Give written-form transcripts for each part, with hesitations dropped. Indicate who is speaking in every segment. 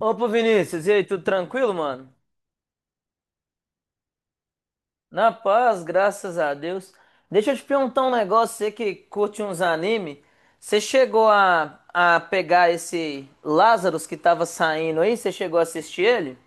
Speaker 1: Opa, Vinícius, e aí, tudo tranquilo, mano? Na paz, graças a Deus. Deixa eu te perguntar um negócio, você que curte uns anime, você chegou a pegar esse Lazarus que tava saindo aí? Você chegou a assistir ele?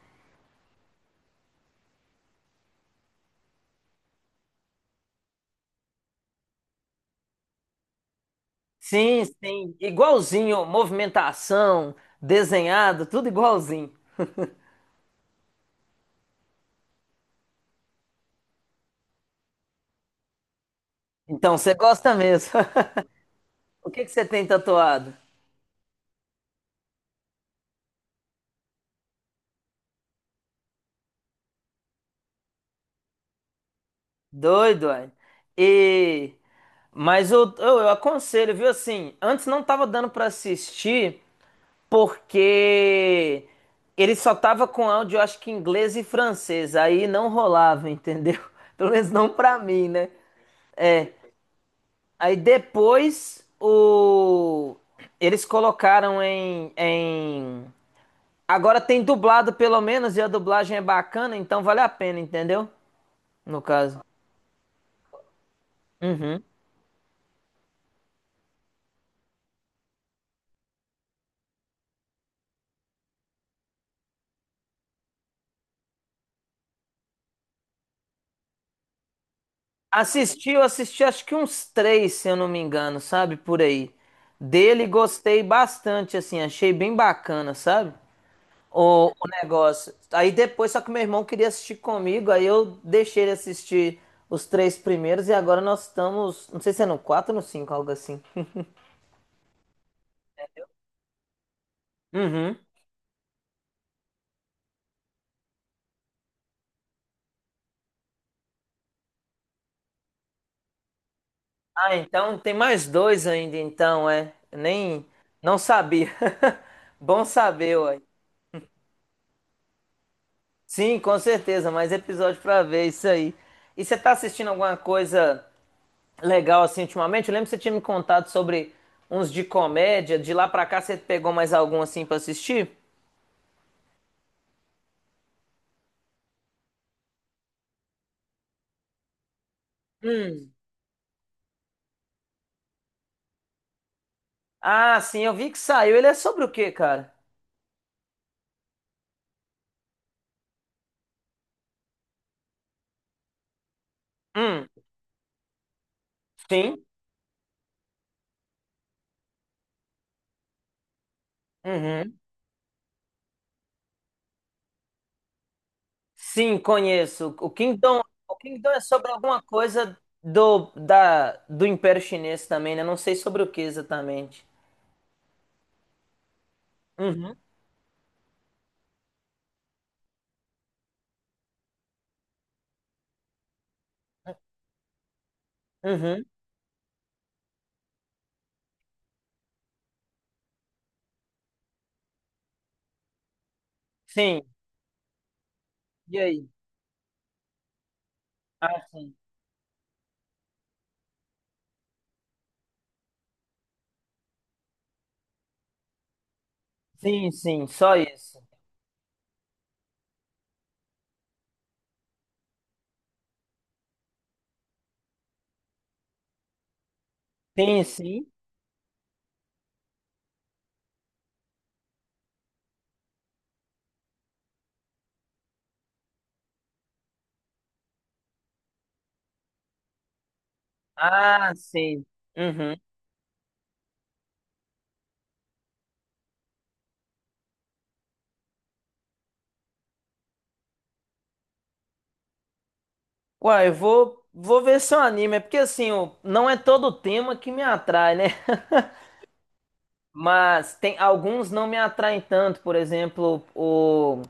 Speaker 1: Sim, sim, igualzinho, movimentação, desenhado, tudo igualzinho. Então, você gosta mesmo. O que que você tem tatuado? Doido, ué. E mas eu aconselho, viu? Assim, antes não tava dando pra assistir, porque ele só tava com áudio, eu acho que inglês e francês, aí não rolava, entendeu? Pelo menos não pra mim, né? É. Aí depois o eles colocaram em. Agora tem dublado pelo menos e a dublagem é bacana, então vale a pena, entendeu? No caso. Uhum. Eu assisti, acho que uns três, se eu não me engano, sabe? Por aí. Dele gostei bastante, assim, achei bem bacana, sabe? O negócio. Aí depois, só que meu irmão queria assistir comigo, aí eu deixei ele assistir os três primeiros e agora nós estamos, não sei se é no quatro ou no cinco, algo assim. Uhum. Ah, então tem mais dois ainda, então, é. Nem, não sabia. Bom saber, ué. Sim, com certeza, mais episódio pra ver isso aí. E você tá assistindo alguma coisa legal assim ultimamente? Eu lembro que você tinha me contado sobre uns de comédia, de lá pra cá você pegou mais algum assim pra assistir? Ah, sim, eu vi que saiu. Ele é sobre o quê, cara? Hum, sim. Uhum. Sim, conheço. O Kingdom é sobre alguma coisa do Império Chinês também, né? Não sei sobre o que exatamente. Uhum. Uhum. Sim. E aí? Ah, sim. Sim, sim, só isso. Sim, sim. Ah, sim. Uhum. Uai, eu vou ver seu anime, é porque assim, não é todo tema que me atrai, né? Mas tem alguns não me atraem tanto, por exemplo, o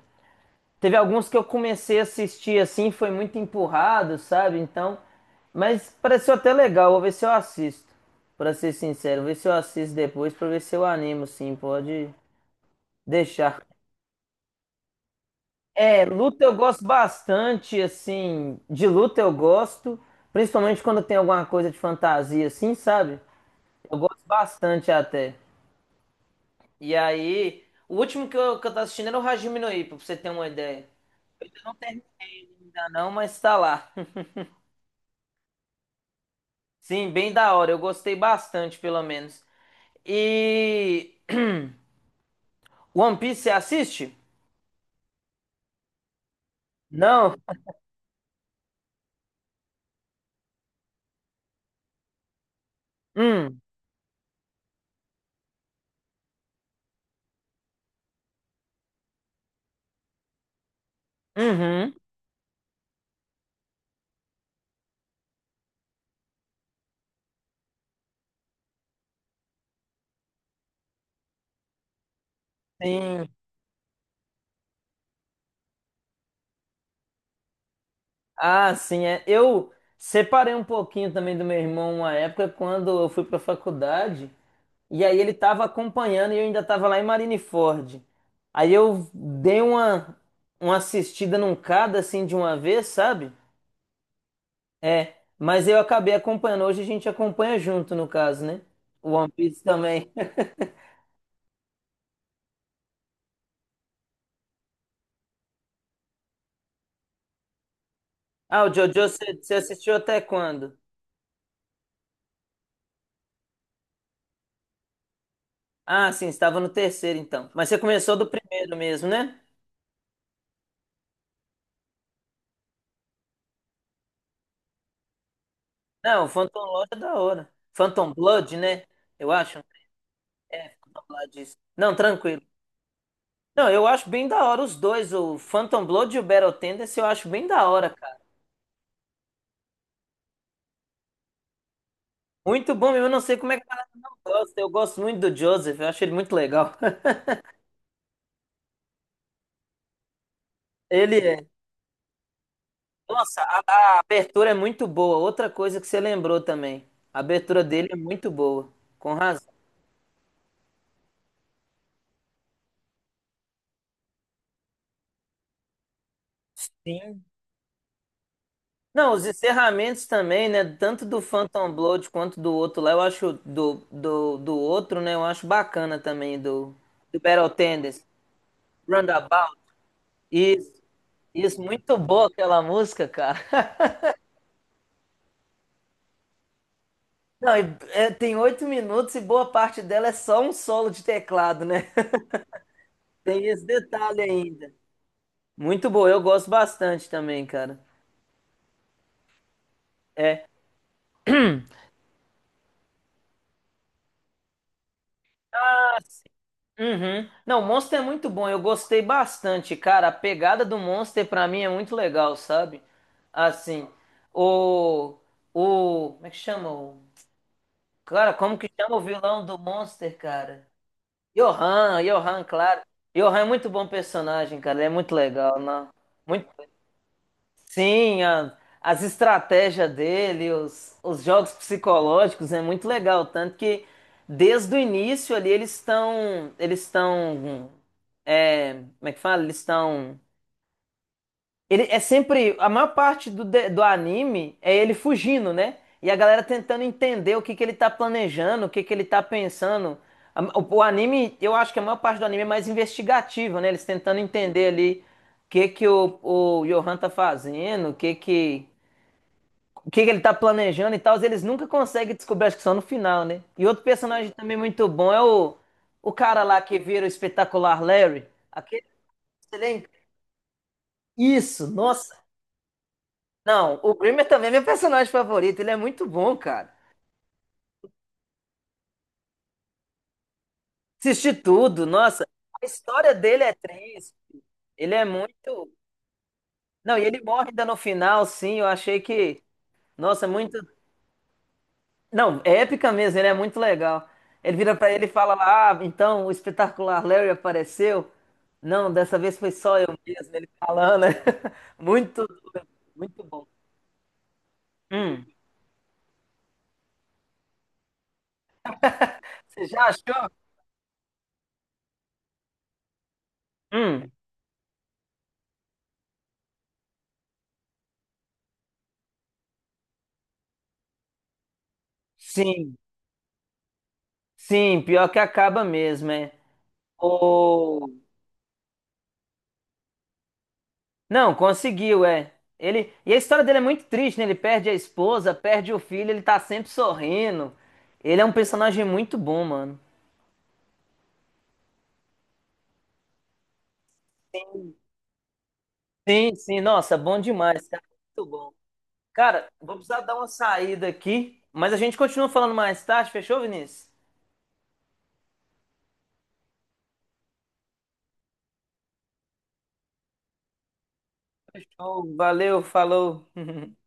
Speaker 1: teve alguns que eu comecei a assistir assim, foi muito empurrado, sabe? Então, mas pareceu até legal, vou ver se eu assisto. Pra ser sincero, vou ver se eu assisto depois pra ver se eu animo, sim, pode deixar. É, luta eu gosto bastante, assim, de luta eu gosto, principalmente quando tem alguma coisa de fantasia assim, sabe? Eu gosto bastante até. E aí, o último que eu tô assistindo era o Hajime no Ippo, pra você ter uma ideia. Eu ainda não terminei ainda não, mas tá lá. Sim, bem da hora, eu gostei bastante, pelo menos. E One Piece, você assiste? Não? Hum, uhum, sim. Ah, sim, é. Eu separei um pouquinho também do meu irmão uma época quando eu fui pra faculdade. E aí ele tava acompanhando e eu ainda tava lá em Marineford. Aí eu dei uma assistida num cada assim de uma vez, sabe? É, mas eu acabei acompanhando. Hoje a gente acompanha junto, no caso, né? O One Piece também. Ah, o Jojo, você assistiu até quando? Ah, sim, estava no terceiro então. Mas você começou do primeiro mesmo, né? Não, o Phantom Lord é da hora. Phantom Blood, né? Eu acho, né? É, Phantom Blood. Isso. Não, tranquilo. Não, eu acho bem da hora os dois, o Phantom Blood e o Battle Tendency, eu acho bem da hora, cara. Muito bom mesmo, eu não sei como é que a galera não gosta. Eu gosto muito do Joseph, eu acho ele muito legal. Ele é. Nossa, a abertura é muito boa. Outra coisa que você lembrou também. A abertura dele é muito boa, com razão. Sim. Não, os encerramentos também, né? Tanto do Phantom Blood quanto do outro lá, eu acho do outro, né? Eu acho bacana também do Battle Tendency. Roundabout. Isso, isso, muito boa aquela música, cara. Não, e, é, tem oito minutos e boa parte dela é só um solo de teclado, né? Tem esse detalhe ainda. Muito boa, eu gosto bastante também, cara. É. Ah, sim. Uhum. Não, Monster é muito bom, eu gostei bastante, cara. A pegada do Monster pra mim é muito legal, sabe? Assim, o. O. Como é que chama? O, cara, como que chama o vilão do Monster, cara? Johan, Johan, claro. Johan é muito bom personagem, cara. Ele é muito legal, né? Muito... Sim, as estratégias dele, os jogos psicológicos é muito legal. Tanto que desde o início ali eles estão. Eles estão. É, como é que fala? Eles estão ele é sempre. A maior parte do, do anime é ele fugindo, né? E a galera tentando entender o que que ele tá planejando, o que que ele tá pensando. O anime, eu acho que a maior parte do anime é mais investigativo, né? Eles tentando entender ali o que que o Johan tá fazendo, O que que ele tá planejando e tal, eles nunca conseguem descobrir, acho que só no final, né? E outro personagem também muito bom é o cara lá que vira o espetacular Larry. Aquele, ele é isso. Nossa. Não, o Grimmer também é meu personagem favorito. Ele é muito bom, cara. Assisti tudo, nossa. A história dele é triste. Ele é muito. Não, e ele morre ainda no final, sim. Eu achei que. Nossa, muito. Não, é épica mesmo, ele é muito legal. Ele vira pra ele e fala lá: "Ah, então o espetacular Larry apareceu?" Não, dessa vez foi só eu mesmo. Ele falando, né? Muito doido, muito bom. Hum. Você já achou? Hum. Sim, sim, pior que acaba mesmo, é. Não, conseguiu, é. E a história dele é muito triste, né? Ele perde a esposa, perde o filho, ele tá sempre sorrindo. Ele é um personagem muito bom, mano. Sim, sim, nossa, bom demais, cara. Muito bom. Cara, vou precisar dar uma saída aqui, mas a gente continua falando mais tarde, fechou, Vinícius? Show, valeu, falou.